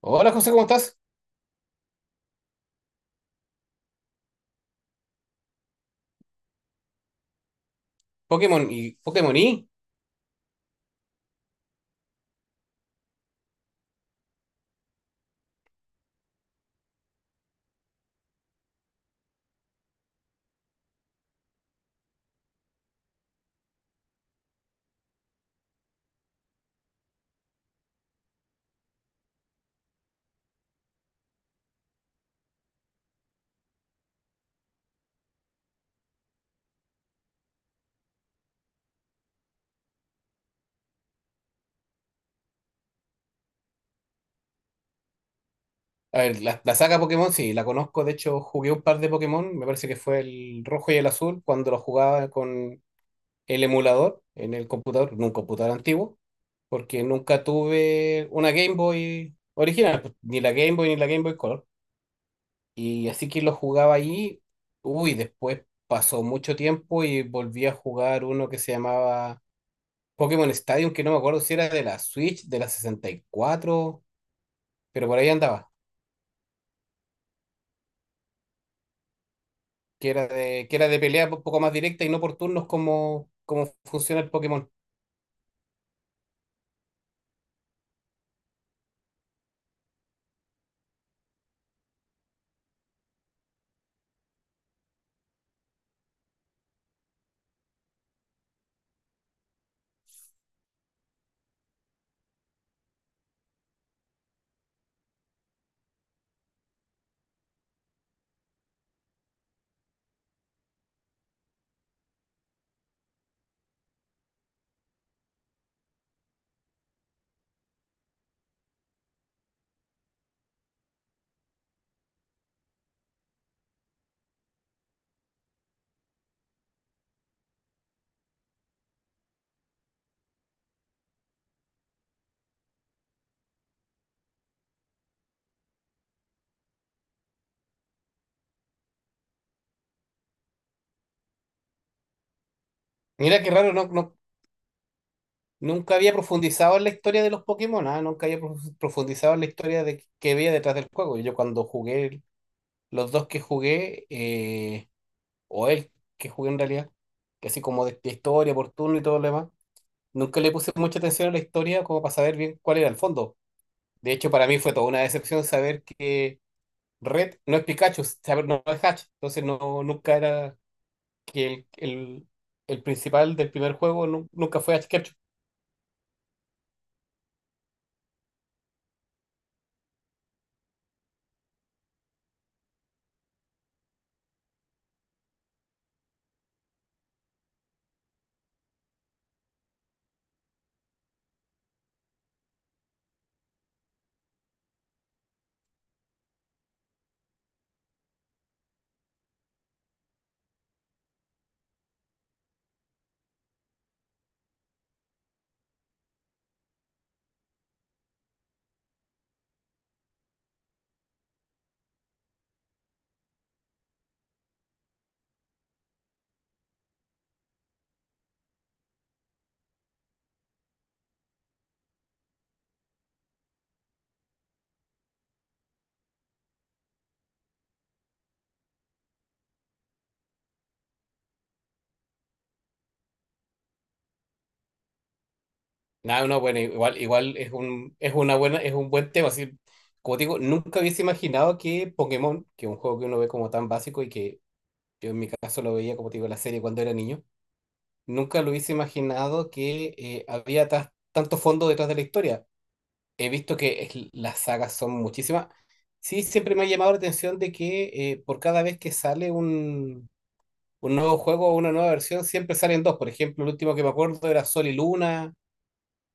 Hola José, ¿cómo estás? Pokémon y Pokémon Y. A ver, la saga Pokémon, sí, la conozco. De hecho, jugué un par de Pokémon. Me parece que fue el rojo y el azul cuando lo jugaba con el emulador en el computador, en un computador antiguo, porque nunca tuve una Game Boy original, pues, ni la Game Boy ni la Game Boy Color. Y así que lo jugaba ahí. Uy, después pasó mucho tiempo y volví a jugar uno que se llamaba Pokémon Stadium, que no me acuerdo si era de la Switch, de la 64, pero por ahí andaba. Que era de pelea un poco más directa y no por turnos como, como funciona el Pokémon. Mira qué raro, no, no, nunca había profundizado en la historia de los Pokémon, ah, nunca había profundizado en la historia de que había detrás del juego. Yo cuando jugué, los dos que jugué, o el que jugué en realidad, que así como de historia, por turno y todo lo demás, nunca le puse mucha atención a la historia como para saber bien cuál era el fondo. De hecho, para mí fue toda una decepción saber que Red no es Pikachu, saber, no es Hatch. Entonces no, nunca era, que el principal del primer juego nunca fue Ash Ketchum. No, no, bueno, igual, igual es un, es una buena, es un buen tema. Así, como te digo, nunca hubiese imaginado que Pokémon, que es un juego que uno ve como tan básico y que yo en mi caso lo veía, como te digo, en la serie cuando era niño, nunca lo hubiese imaginado que había tanto fondo detrás de la historia. He visto que las sagas son muchísimas. Sí, siempre me ha llamado la atención de que por cada vez que sale un nuevo juego o una nueva versión, siempre salen dos. Por ejemplo, el último que me acuerdo era Sol y Luna.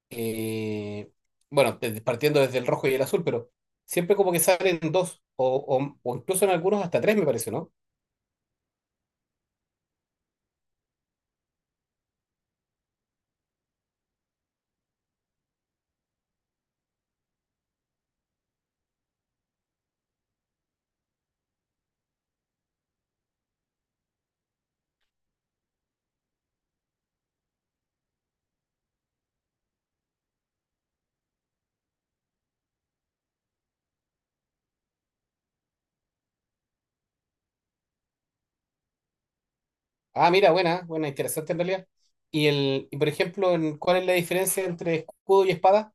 eh, bueno, partiendo desde el rojo y el azul, pero siempre como que salen dos, o, o incluso en algunos hasta tres, me parece, ¿no? Ah, mira, buena, buena, interesante en realidad. Y, el, y por ejemplo, ¿cuál es la diferencia entre escudo y espada?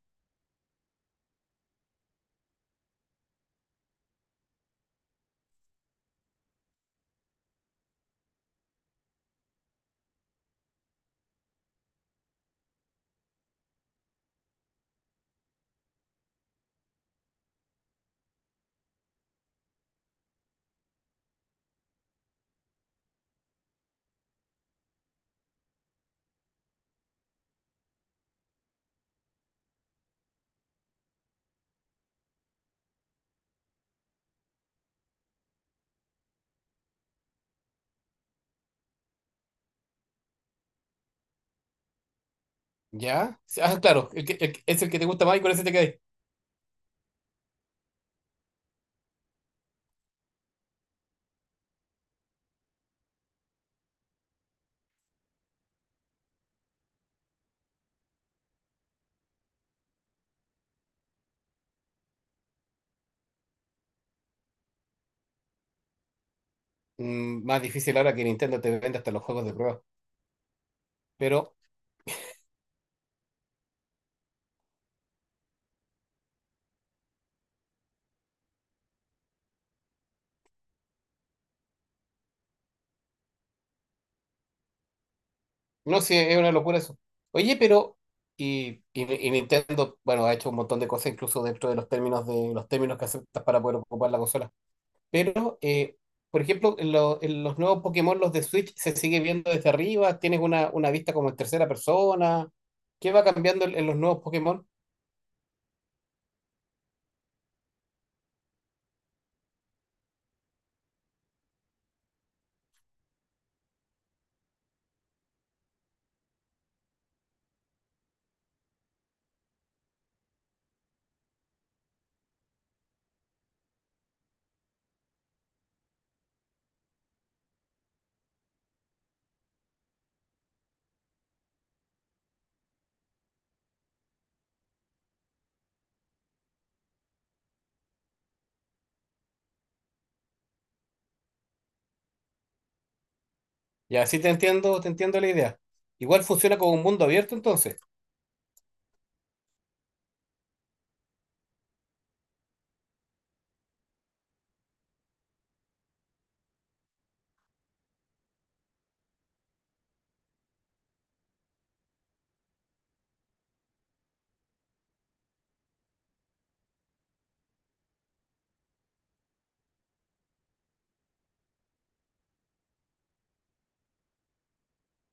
¿Ya? Ah, claro, es el que te gusta más y con ese te quedas. Mm, más difícil ahora que Nintendo te vende hasta los juegos de prueba. Pero no, sí, es una locura eso. Oye, pero, y, y Nintendo, bueno, ha hecho un montón de cosas, incluso dentro de los términos que aceptas para poder ocupar la consola. Pero, por ejemplo, en, en los nuevos Pokémon, los de Switch, se sigue viendo desde arriba, tienes una vista como en tercera persona. ¿Qué va cambiando en los nuevos Pokémon? Ya, sí te entiendo la idea. Igual funciona como un mundo abierto entonces.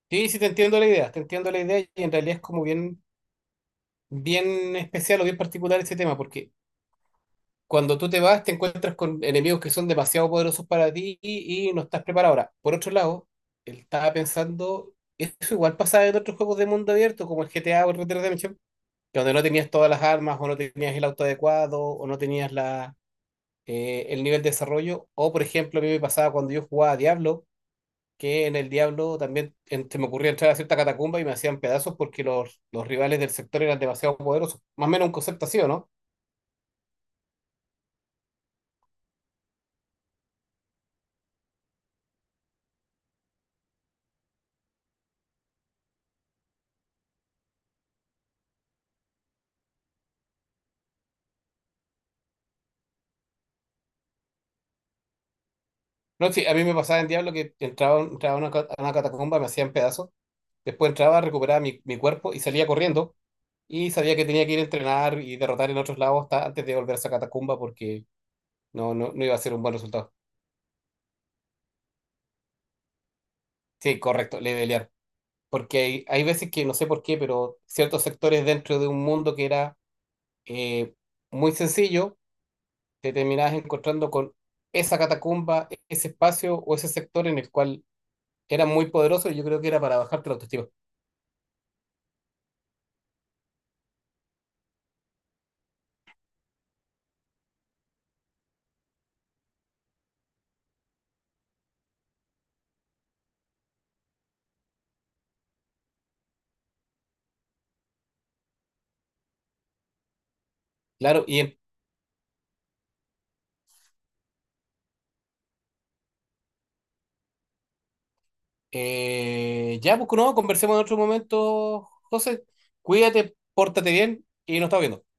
Sí, sí te entiendo la idea, te entiendo la idea, y en realidad es como bien, bien especial o bien particular ese tema, porque cuando tú te vas, te encuentras con enemigos que son demasiado poderosos para ti y no estás preparado. Ahora, por otro lado, él estaba pensando, eso igual pasaba en otros juegos de mundo abierto, como el GTA o el Red Dead Redemption, que donde no tenías todas las armas, o no tenías el auto adecuado, o no tenías la, el nivel de desarrollo. O, por ejemplo, a mí me pasaba cuando yo jugaba a Diablo, que en el Diablo también se me ocurría entrar a cierta catacumba y me hacían pedazos porque los rivales del sector eran demasiado poderosos. Más o menos un concepto así, ¿o no? No, sí, a mí me pasaba en Diablo que entraba, entraba a una, a una catacumba, me hacían pedazos, después entraba, recuperaba mi, mi cuerpo y salía corriendo y sabía que tenía que ir a entrenar y derrotar en otros lados hasta antes de volver a esa catacumba porque no, no, no iba a ser un buen resultado. Sí, correcto, levelear. Porque hay veces que no sé por qué, pero ciertos sectores dentro de un mundo que era eh, muy sencillo, te terminabas encontrando con esa catacumba, ese espacio o ese sector en el cual era muy poderoso y yo creo que era para bajarte la autoestima. Claro, y en ya, pues no, conversemos en otro momento, José. Cuídate, pórtate bien y nos estamos viendo.